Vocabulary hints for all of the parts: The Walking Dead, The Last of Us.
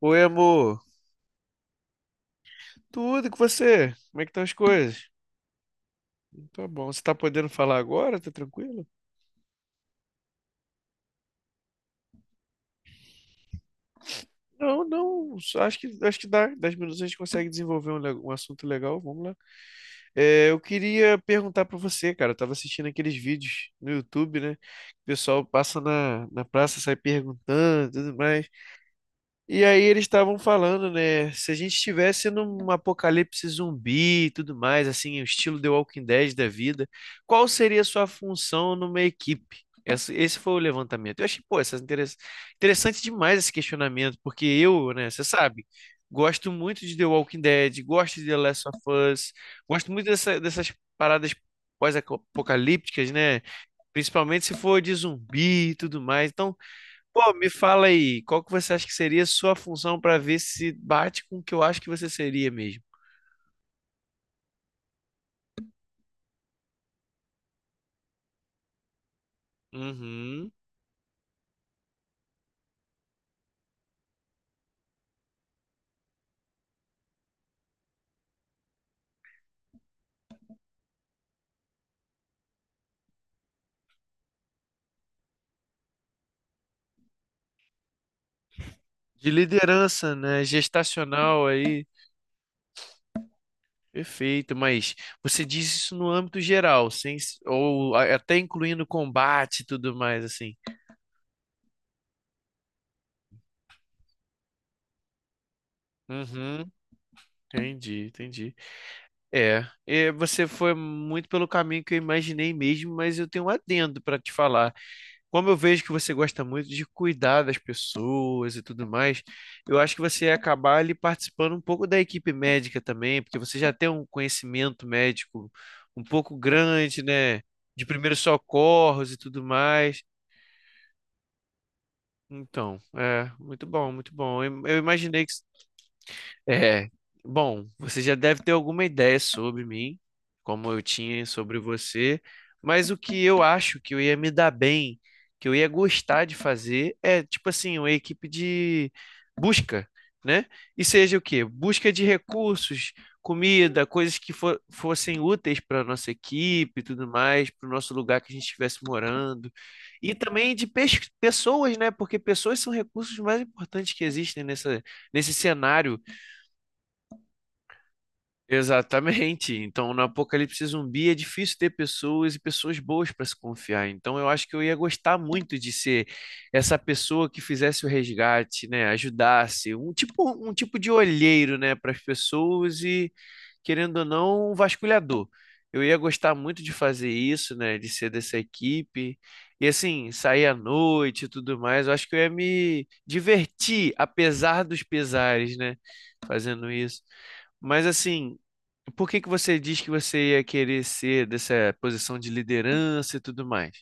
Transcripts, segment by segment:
Oi, amor. Tudo e com você? Como é que estão as coisas? Tá bom. Você tá podendo falar agora? Tá tranquilo? Não, não. só Acho que dá. 10 minutos a gente consegue desenvolver um assunto legal. Vamos lá. É, eu queria perguntar pra você, cara. Eu tava assistindo aqueles vídeos no YouTube, né? O pessoal passa na praça, sai perguntando, tudo mais. E aí eles estavam falando, né? Se a gente estivesse num apocalipse zumbi e tudo mais, assim, o estilo The Walking Dead da vida, qual seria a sua função numa equipe? Esse foi o levantamento. Eu achei, pô, interessante demais esse questionamento, porque eu, né, você sabe, gosto muito de The Walking Dead, gosto de The Last of Us, gosto muito dessas paradas pós-apocalípticas, né? Principalmente se for de zumbi e tudo mais. Então, pô, me fala aí, qual que você acha que seria a sua função para ver se bate com o que eu acho que você seria mesmo? Uhum. De liderança, né? Gestacional aí. Perfeito, mas você diz isso no âmbito geral, sem, até incluindo combate e tudo mais, assim. Uhum, entendi, entendi. Você foi muito pelo caminho que eu imaginei mesmo, mas eu tenho um adendo para te falar. Como eu vejo que você gosta muito de cuidar das pessoas e tudo mais, eu acho que você ia acabar ali participando um pouco da equipe médica também, porque você já tem um conhecimento médico um pouco grande, né? De primeiros socorros e tudo mais. Então, é, muito bom, muito bom. Eu imaginei que... É, bom, você já deve ter alguma ideia sobre mim, como eu tinha sobre você, mas o que eu acho que eu ia me dar bem, que eu ia gostar de fazer, é tipo assim, uma equipe de busca, né? E seja o quê? Busca de recursos, comida, coisas que fossem úteis para nossa equipe e tudo mais, para o nosso lugar que a gente estivesse morando. E também de pessoas, né? Porque pessoas são recursos mais importantes que existem nesse cenário. Exatamente. Então, no apocalipse zumbi é difícil ter pessoas e pessoas boas para se confiar. Então, eu acho que eu ia gostar muito de ser essa pessoa que fizesse o resgate, né? Ajudasse, um tipo de olheiro, né, para as pessoas e, querendo ou não, um vasculhador. Eu ia gostar muito de fazer isso, né? De ser dessa equipe. E assim, sair à noite e tudo mais. Eu acho que eu ia me divertir, apesar dos pesares, né? Fazendo isso. Mas assim, por que que você diz que você ia querer ser dessa posição de liderança e tudo mais?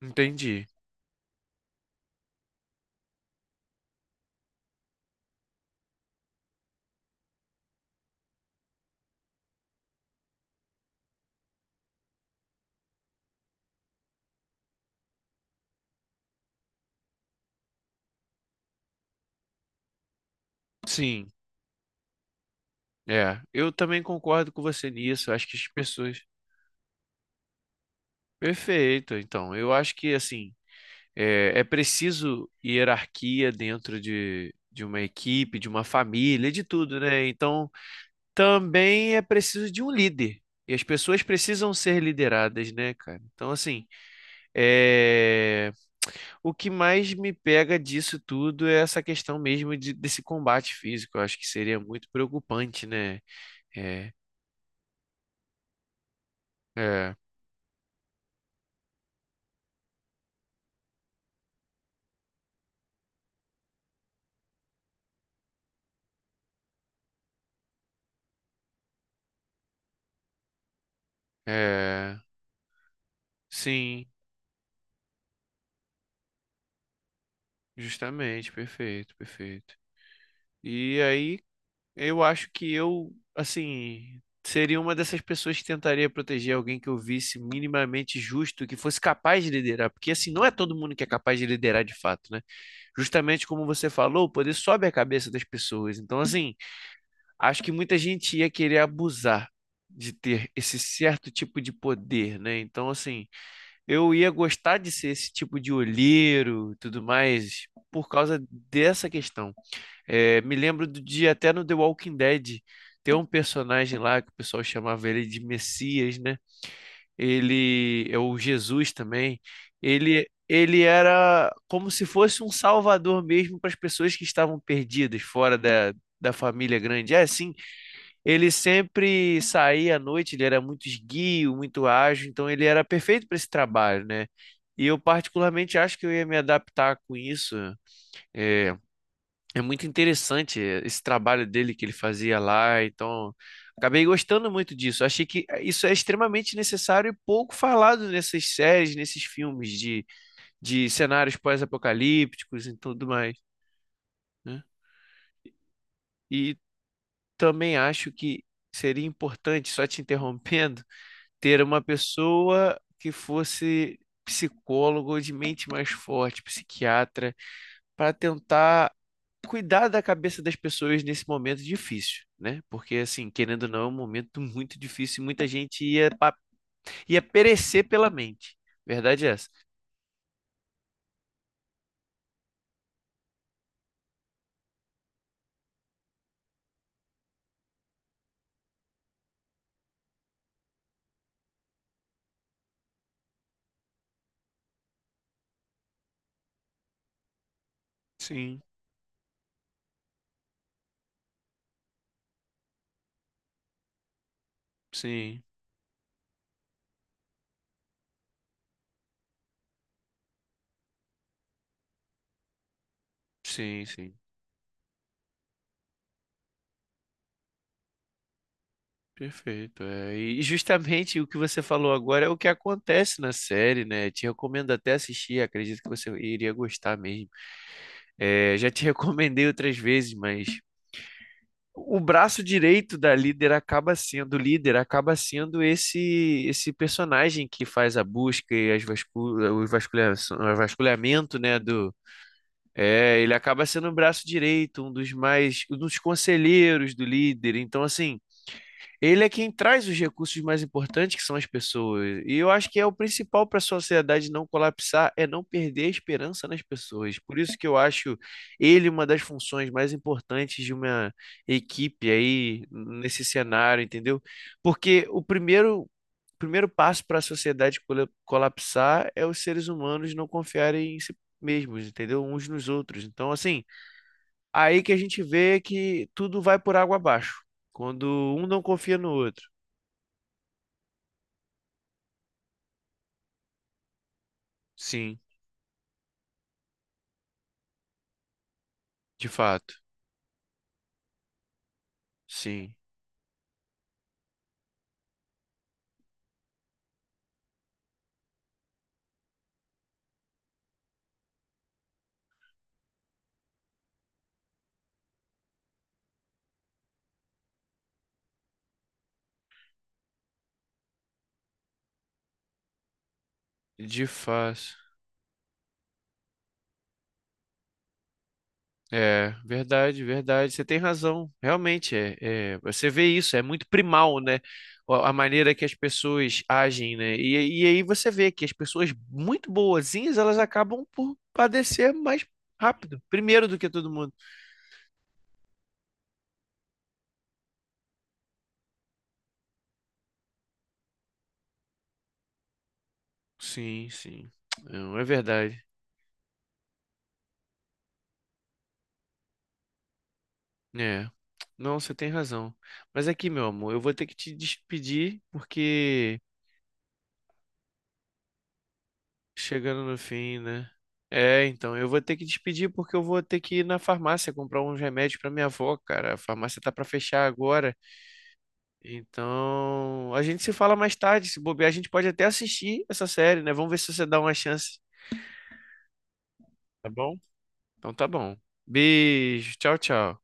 Entendi. Sim, é. Eu também concordo com você nisso. Acho que as pessoas. Perfeito. Então, eu acho que assim é preciso hierarquia dentro de uma equipe, de uma família, de tudo, né? Então, também é preciso de um líder. E as pessoas precisam ser lideradas, né, cara? Então, assim, é... O que mais me pega disso tudo é essa questão mesmo desse combate físico. Eu acho que seria muito preocupante, né? É, é, é. Sim, justamente, perfeito, perfeito. E aí, eu acho que eu, assim, seria uma dessas pessoas que tentaria proteger alguém que eu visse minimamente justo, que fosse capaz de liderar. Porque, assim, não é todo mundo que é capaz de liderar de fato, né? Justamente como você falou, o poder sobe a cabeça das pessoas. Então, assim. Acho que muita gente ia querer abusar de ter esse certo tipo de poder, né? Então, assim, eu ia gostar de ser esse tipo de olheiro, e tudo mais, por causa dessa questão. É, me lembro do dia até no The Walking Dead, tem um personagem lá que o pessoal chamava ele de Messias, né? Ele é o Jesus também. Ele ele era como se fosse um salvador mesmo para as pessoas que estavam perdidas fora da família grande. É assim ele sempre saía à noite, ele era muito esguio, muito ágil, então ele era perfeito para esse trabalho, né? E eu particularmente acho que eu ia me adaptar com isso. É, é muito interessante esse trabalho dele que ele fazia lá, então acabei gostando muito disso. Achei que isso é extremamente necessário e pouco falado nessas séries, nesses filmes de cenários pós-apocalípticos e tudo mais, né? E também acho que seria importante, só te interrompendo, ter uma pessoa que fosse psicólogo de mente mais forte, psiquiatra, para tentar cuidar da cabeça das pessoas nesse momento difícil, né? Porque, assim, querendo ou não, é um momento muito difícil e muita gente ia, ia perecer pela mente. Verdade é essa? Sim, sim, sim, sim. Perfeito. É. E justamente o que você falou agora é o que acontece na série, né? Te recomendo até assistir, acredito que você iria gostar mesmo. É, já te recomendei outras vezes, mas o braço direito da líder acaba sendo, o líder acaba sendo esse personagem que faz a busca e as vascul o vasculha- o vasculhamento, né, do... É, ele acaba sendo o braço direito, um dos conselheiros do líder. Então, assim, ele é quem traz os recursos mais importantes, que são as pessoas. E eu acho que é o principal para a sociedade não colapsar, é não perder a esperança nas pessoas. Por isso que eu acho ele uma das funções mais importantes de uma equipe aí nesse cenário, entendeu? Porque o primeiro passo para a sociedade colapsar é os seres humanos não confiarem em si mesmos, entendeu? Uns nos outros. Então, assim, aí que a gente vê que tudo vai por água abaixo. Quando um não confia no outro. Sim, de fato. Sim, de fato. É, verdade, verdade. Você tem razão. Realmente, você vê isso, é muito primal, né? A maneira que as pessoas agem, né? E aí você vê que as pessoas muito boazinhas, elas acabam por padecer mais rápido, primeiro do que todo mundo. Sim, sim. Não, é verdade. É. Não, você tem razão. Mas aqui, meu amor, eu vou ter que te despedir porque... Chegando no fim, né? É, então, eu vou ter que despedir porque eu vou ter que ir na farmácia comprar uns remédios pra minha avó, cara. A farmácia tá pra fechar agora. Então, a gente se fala mais tarde. Se bobear, a gente pode até assistir essa série, né? Vamos ver se você dá uma chance, tá bom? Então tá bom. Beijo, tchau, tchau.